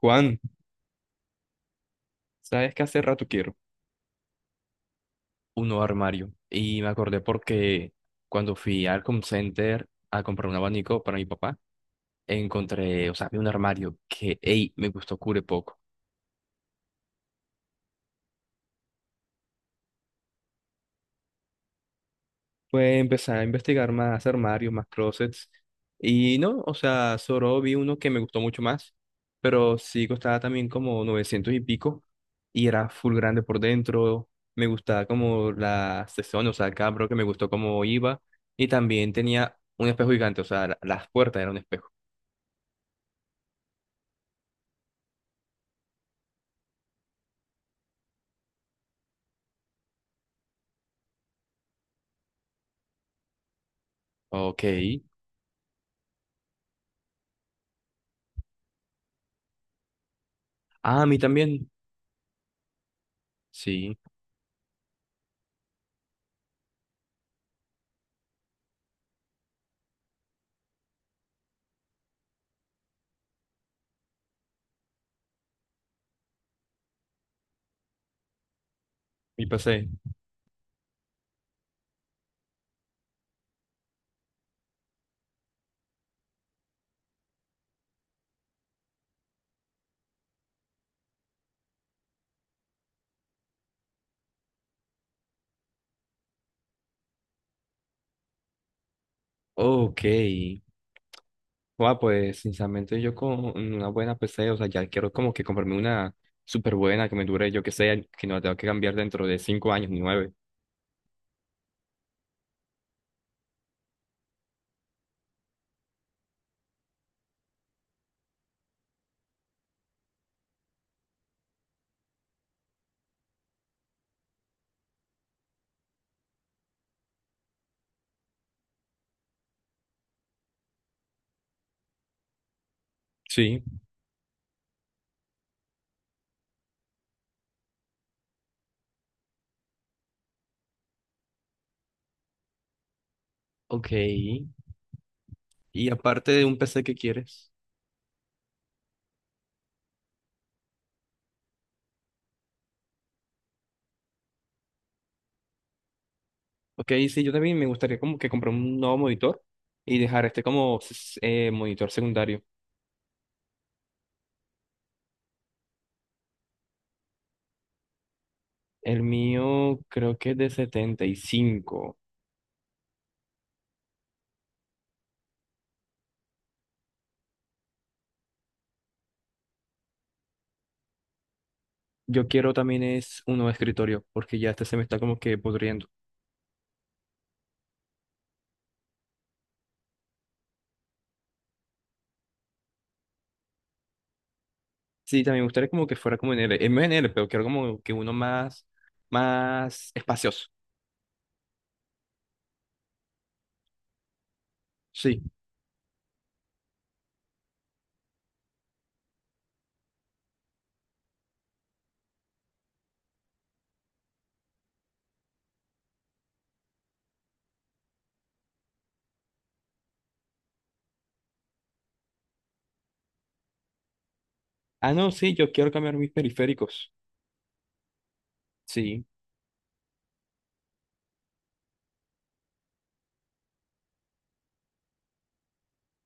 Juan, ¿sabes qué hace rato quiero? Un nuevo armario. Y me acordé porque cuando fui al Home Center a comprar un abanico para mi papá, encontré, o sea, vi un armario que, ey, me gustó cure poco. Pues empecé a investigar más armarios, más closets. Y no, o sea, solo vi uno que me gustó mucho más, pero sí costaba también como 900 y pico. Y era full grande por dentro. Me gustaba como la sección, o sea, el cada que me gustó cómo iba. Y también tenía un espejo gigante, o sea, las puertas eran un espejo. Ok. Ah, a mí también. Sí, mi pasé. Ok. Guau, pues sinceramente yo con una buena PC, o sea, ya quiero como que comprarme una súper buena que me dure, yo que sé, que no la tengo que cambiar dentro de 5 años ni nueve. Sí. Ok, y aparte de un PC que quieres. Ok, sí, yo también me gustaría como que comprar un nuevo monitor y dejar este como monitor secundario. El mío creo que es de 75. Yo quiero también es un nuevo escritorio porque ya este se me está como que pudriendo. Sí, también me gustaría como que fuera como en L, en N L, pero quiero como que uno más, más espacioso. Sí. Ah, no, sí, yo quiero cambiar mis periféricos. Sí,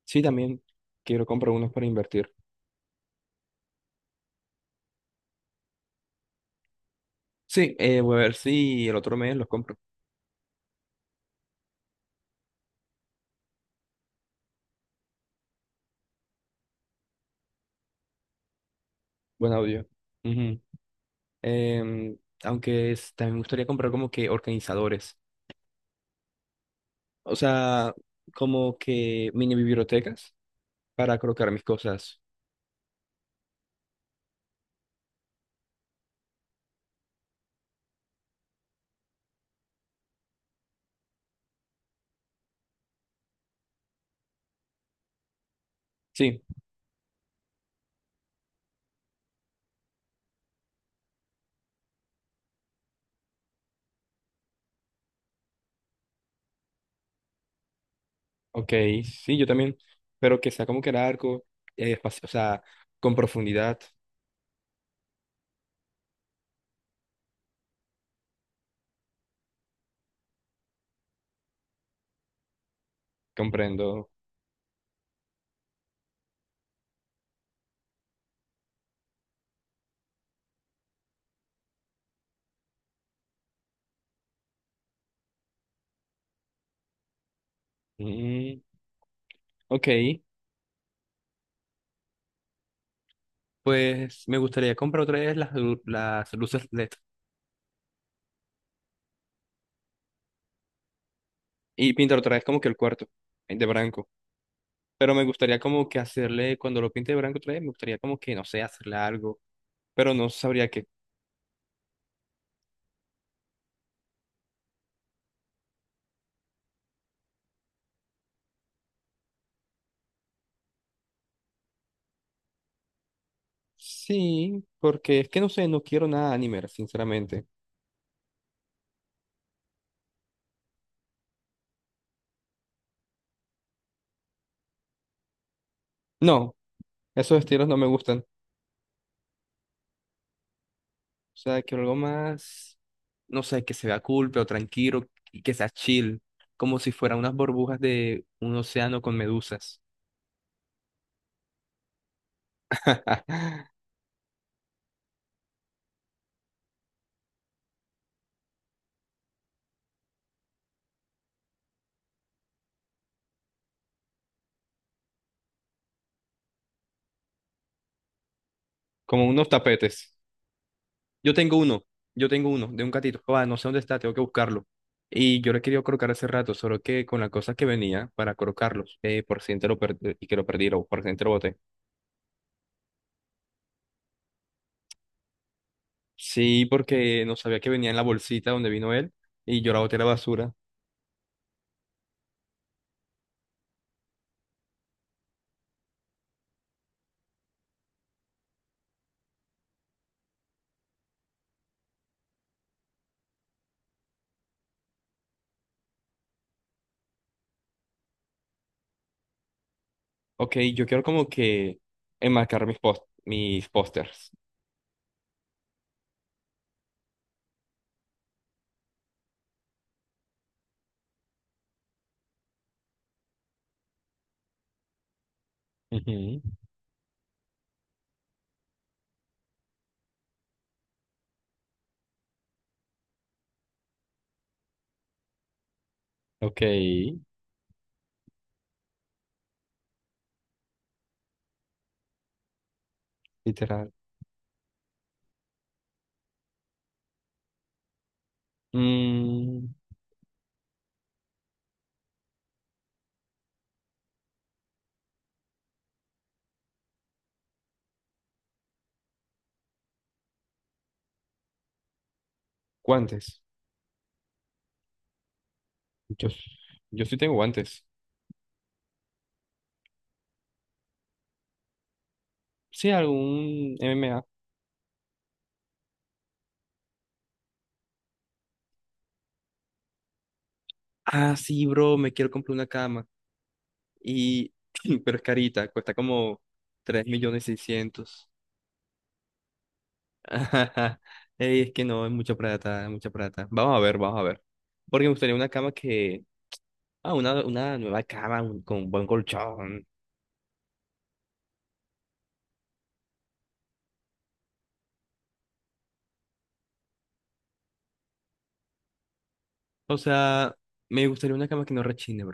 sí, también quiero comprar unos para invertir. Sí, voy a ver si el otro mes los compro. Buen audio. Ujú. Em, aunque también me gustaría comprar como que organizadores. O sea, como que mini bibliotecas para colocar mis cosas. Sí. Ok, sí, yo también, pero que sea como que largo, o sea, con profundidad, comprendo. Mm, ok, pues me gustaría comprar otra vez las luces LED y pintar otra vez como que el cuarto de blanco, pero me gustaría como que hacerle, cuando lo pinte de blanco otra vez, me gustaría como que, no sé, hacerle algo, pero no sabría qué. Sí, porque es que no sé, no quiero nada anime, sinceramente. No, esos estilos no me gustan. O sea, que algo más, no sé, que se vea cool, pero tranquilo y que sea chill, como si fueran unas burbujas de un océano con medusas. Como unos tapetes. Yo tengo uno, yo tengo uno de un gatito. Ah, no sé dónde está, tengo que buscarlo. Y yo lo he querido colocar hace rato, solo que con las cosas que venía para colocarlos, por si te lo per- y que lo perdí, o por si te lo boté. Sí, porque no sabía que venía en la bolsita donde vino él y yo la boté a la basura. Ok, yo quiero como que enmarcar mis pósters. Ujú. Ok, literal. Mm, guantes. Yo, yo sí tengo guantes. Sí, algún M M A. Ah, sí, bro, me quiero comprar una cama. Y, pero es carita, cuesta como 3 millones seiscientos. Ey, es que no, es mucha plata, es mucha plata. Vamos a ver, vamos a ver. Porque me gustaría una cama que. Ah, una nueva cama con buen colchón. O sea, me gustaría una cama que no rechine.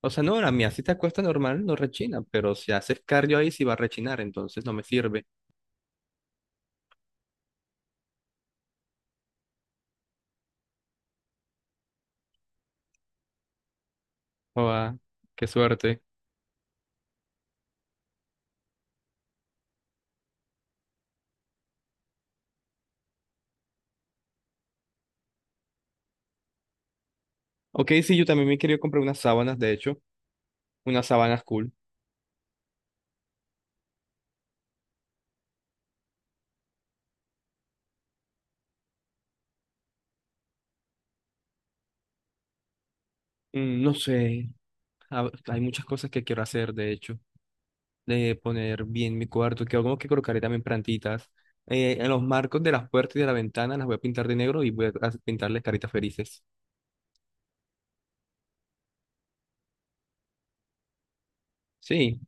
O sea, no, a mía si te acuestas normal, no rechina, pero si haces cardio ahí sí va a rechinar, entonces no me sirve. Joda, qué suerte. Ok, sí, yo también me quería comprar unas sábanas, de hecho, unas sábanas cool. Mm, no sé, hay muchas cosas que quiero hacer, de hecho, de poner bien mi cuarto, que como que colocaré también plantitas. En los marcos de las puertas y de la ventana las voy a pintar de negro y voy a pintarles caritas felices. Sí,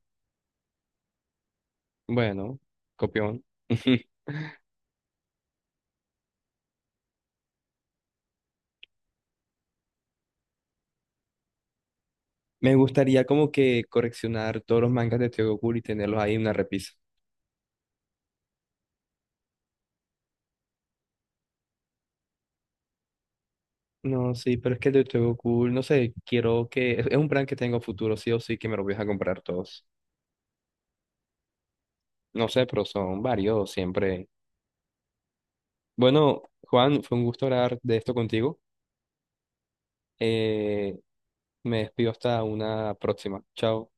bueno, copión. Me gustaría como que coleccionar todos los mangas de Tokyo Ghoul y tenerlos ahí en una repisa. No, sí, pero es que el de Tokyo Ghoul, no sé, quiero que. Es un plan que tengo futuro, sí o sí, que me los voy a comprar todos. No sé, pero son varios, siempre. Bueno, Juan, fue un gusto hablar de esto contigo. Eh, Me despido hasta una próxima. Chao.